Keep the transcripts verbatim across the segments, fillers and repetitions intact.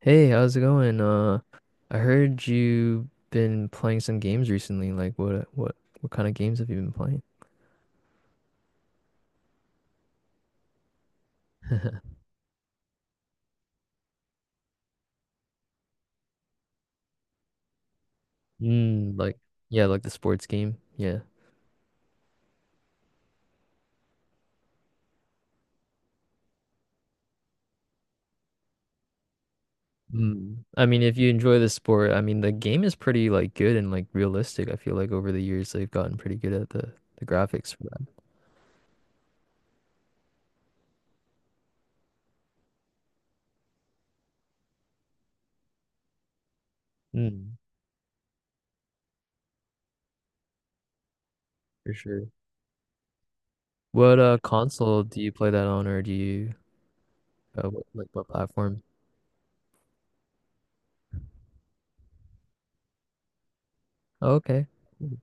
Hey, how's it going? Uh, I heard you been playing some games recently. Like what what what kind of games have you been playing? Mm, like yeah, like the sports game. Yeah. Mm. I mean, if you enjoy the sport, I mean, the game is pretty like good and like realistic. I feel like over the years they've gotten pretty good at the the graphics for that. Mm, for sure. What uh console do you play that on, or do you uh, what, like what platform? Oh, okay. Cool.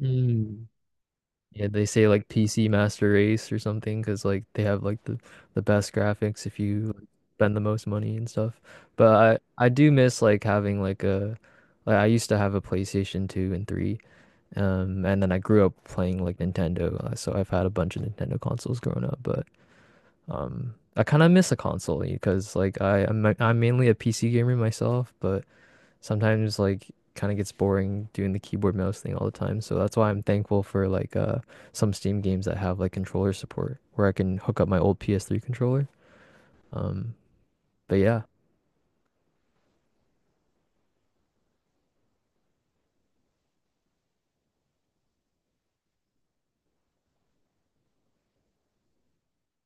Mm. Yeah, they say like P C Master Race or something because like they have like the the best graphics if you like, spend the most money and stuff. But I I do miss like having like a like I used to have a PlayStation two and three, um, and then I grew up playing like Nintendo, uh, so I've had a bunch of Nintendo consoles growing up. But um, I kind of miss a console because like I I'm, I'm mainly a P C gamer myself, but sometimes like kind of gets boring doing the keyboard mouse thing all the time. So that's why I'm thankful for like uh some Steam games that have like controller support where I can hook up my old P S three controller. Um, but yeah.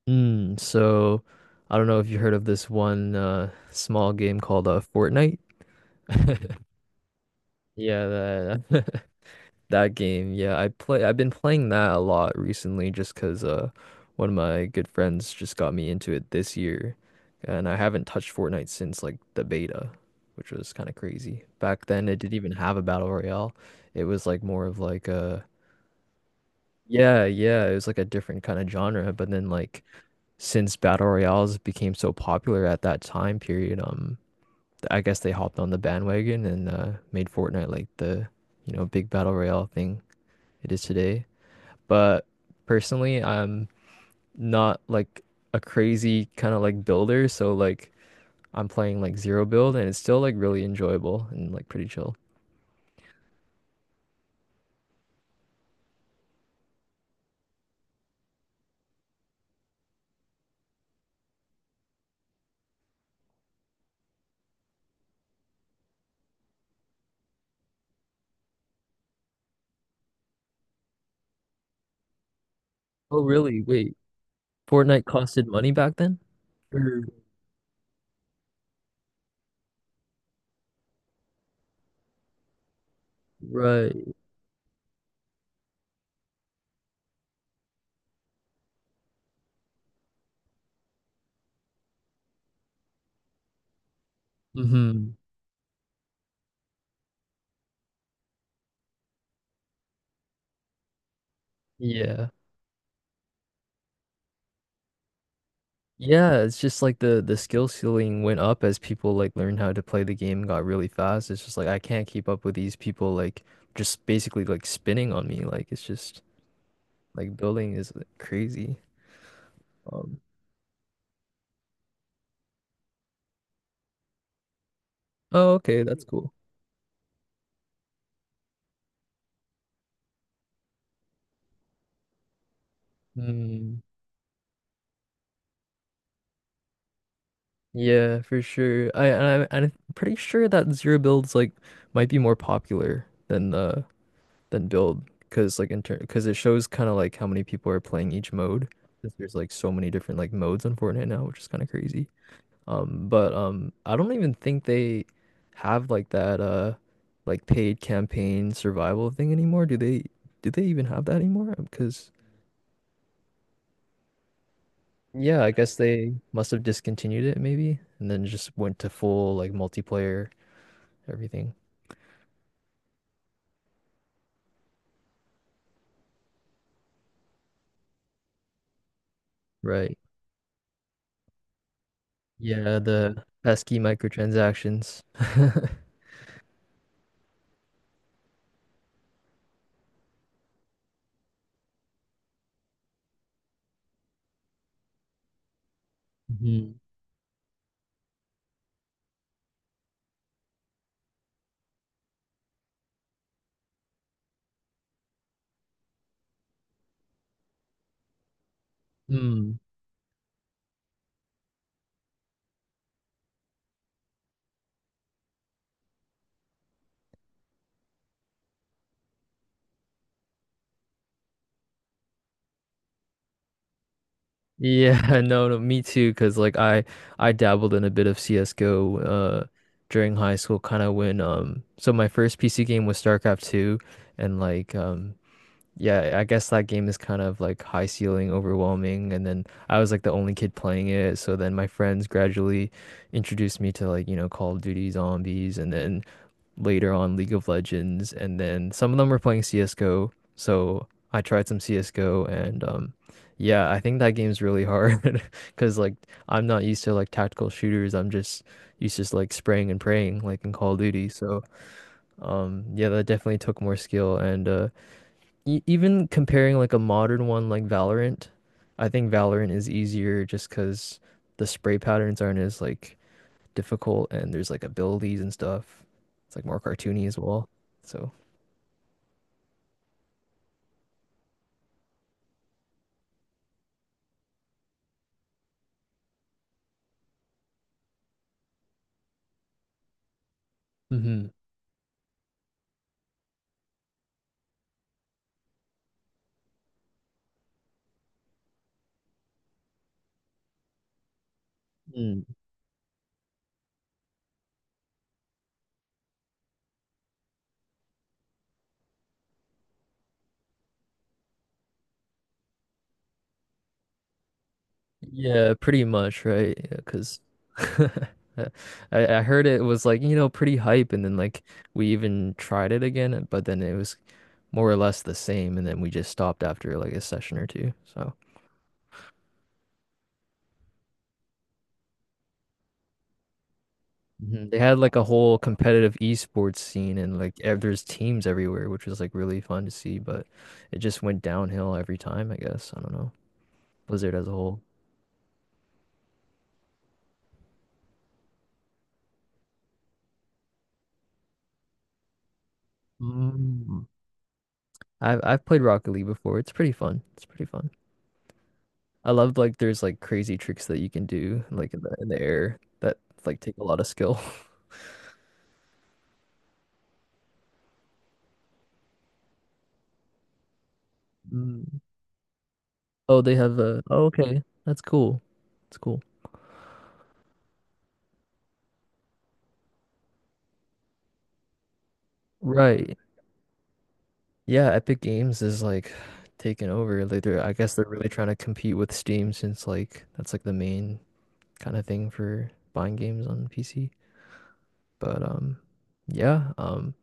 Mm, so I don't know if you heard of this one uh small game called uh Fortnite. Yeah, that that game, yeah, I play. I've been playing that a lot recently, just because uh, one of my good friends just got me into it this year, and I haven't touched Fortnite since like the beta, which was kind of crazy. Back then, it didn't even have a battle royale. It was like more of like a, yeah, yeah. It was like a different kind of genre. But then like since battle royales became so popular at that time period, um, I guess they hopped on the bandwagon and uh, made Fortnite like the you know big battle royale thing it is today. But personally, I'm not like a crazy kind of like builder, so like I'm playing like zero build and it's still like really enjoyable and like pretty chill. Oh, really? Wait, Fortnite costed money back then? Sure. Right. Mm-hmm. Yeah. Yeah, it's just like the the skill ceiling went up as people like learned how to play the game and got really fast. It's just like I can't keep up with these people like just basically like spinning on me. Like it's just like building is like, crazy. Um, oh, okay, that's cool. Mm, yeah, for sure. I and I and I'm pretty sure that zero builds like might be more popular than uh than build because like in turn because it shows kind of like how many people are playing each mode. 'Cause there's like so many different like modes on Fortnite now, which is kind of crazy. Um, but um, I don't even think they have like that uh like paid campaign survival thing anymore. Do they do they even have that anymore? Because Yeah, I guess they must have discontinued it maybe and then just went to full like multiplayer everything. Right. Yeah, the pesky microtransactions. Mhm. Mm. Yeah, no, no, me too. Because like I I dabbled in a bit of C S:GO uh during high school kind of when um so my first P C game was StarCraft two and like um yeah, I guess that game is kind of like high ceiling, overwhelming, and then I was like the only kid playing it, so then my friends gradually introduced me to like, you know, Call of Duty Zombies and then later on League of Legends and then some of them were playing CS:GO, so I tried some CS:GO and um yeah, I think that game's really hard 'cause like I'm not used to like tactical shooters. I'm just used to just, like spraying and praying like in Call of Duty. So, um yeah, that definitely took more skill and uh e- even comparing like a modern one like Valorant, I think Valorant is easier just because the spray patterns aren't as like difficult and there's like abilities and stuff. It's like more cartoony as well. So. Hmm. Mm. Yeah, pretty much, right? Yeah, because I, I heard it was like, you know, pretty hype and then like we even tried it again, but then it was more or less the same and then we just stopped after like a session or two. So. Mhm. They had like a whole competitive esports scene and like ev- there's teams everywhere, which was like really fun to see, but it just went downhill every time, I guess. I don't know. Blizzard as a whole. Mm. I've I've played Rocket League before. It's pretty fun. It's pretty fun. I love like there's like crazy tricks that you can do like in the in the air that like take a lot of skill. Mm. Oh, they have a, oh, okay. That's cool. That's cool. Right. Yeah, Epic Games is like taking over. Like they're, I guess they're really trying to compete with Steam since like that's like the main kind of thing for buying games on P C. But um yeah, um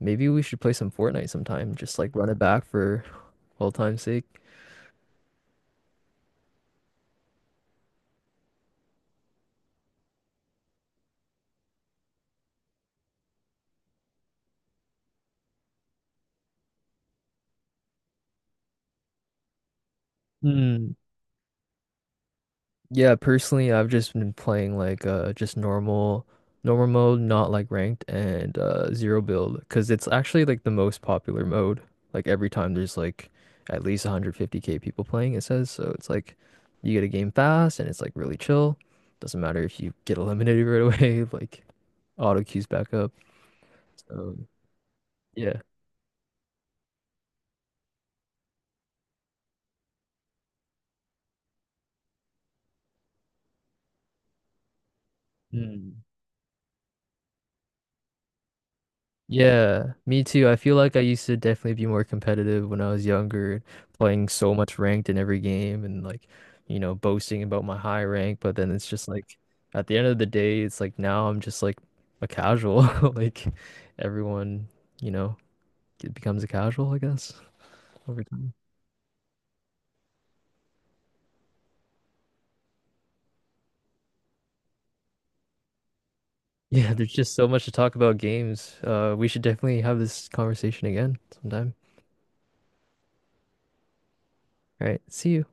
maybe we should play some Fortnite sometime, just like run it back for old time's sake. Yeah, personally, I've just been playing like uh just normal normal mode, not like ranked and uh zero build because it's actually like the most popular mode. Like every time there's like at least one hundred fifty k people playing, it says. So it's like you get a game fast and it's like really chill. Doesn't matter if you get eliminated right away, like auto queues back up. So yeah. Yeah, me too. I feel like I used to definitely be more competitive when I was younger, playing so much ranked in every game and like, you know, boasting about my high rank. But then it's just like at the end of the day, it's like now I'm just like a casual. Like everyone, you know, it becomes a casual, I guess, over time. Yeah, there's just so much to talk about games. Uh, we should definitely have this conversation again sometime. All right, see you.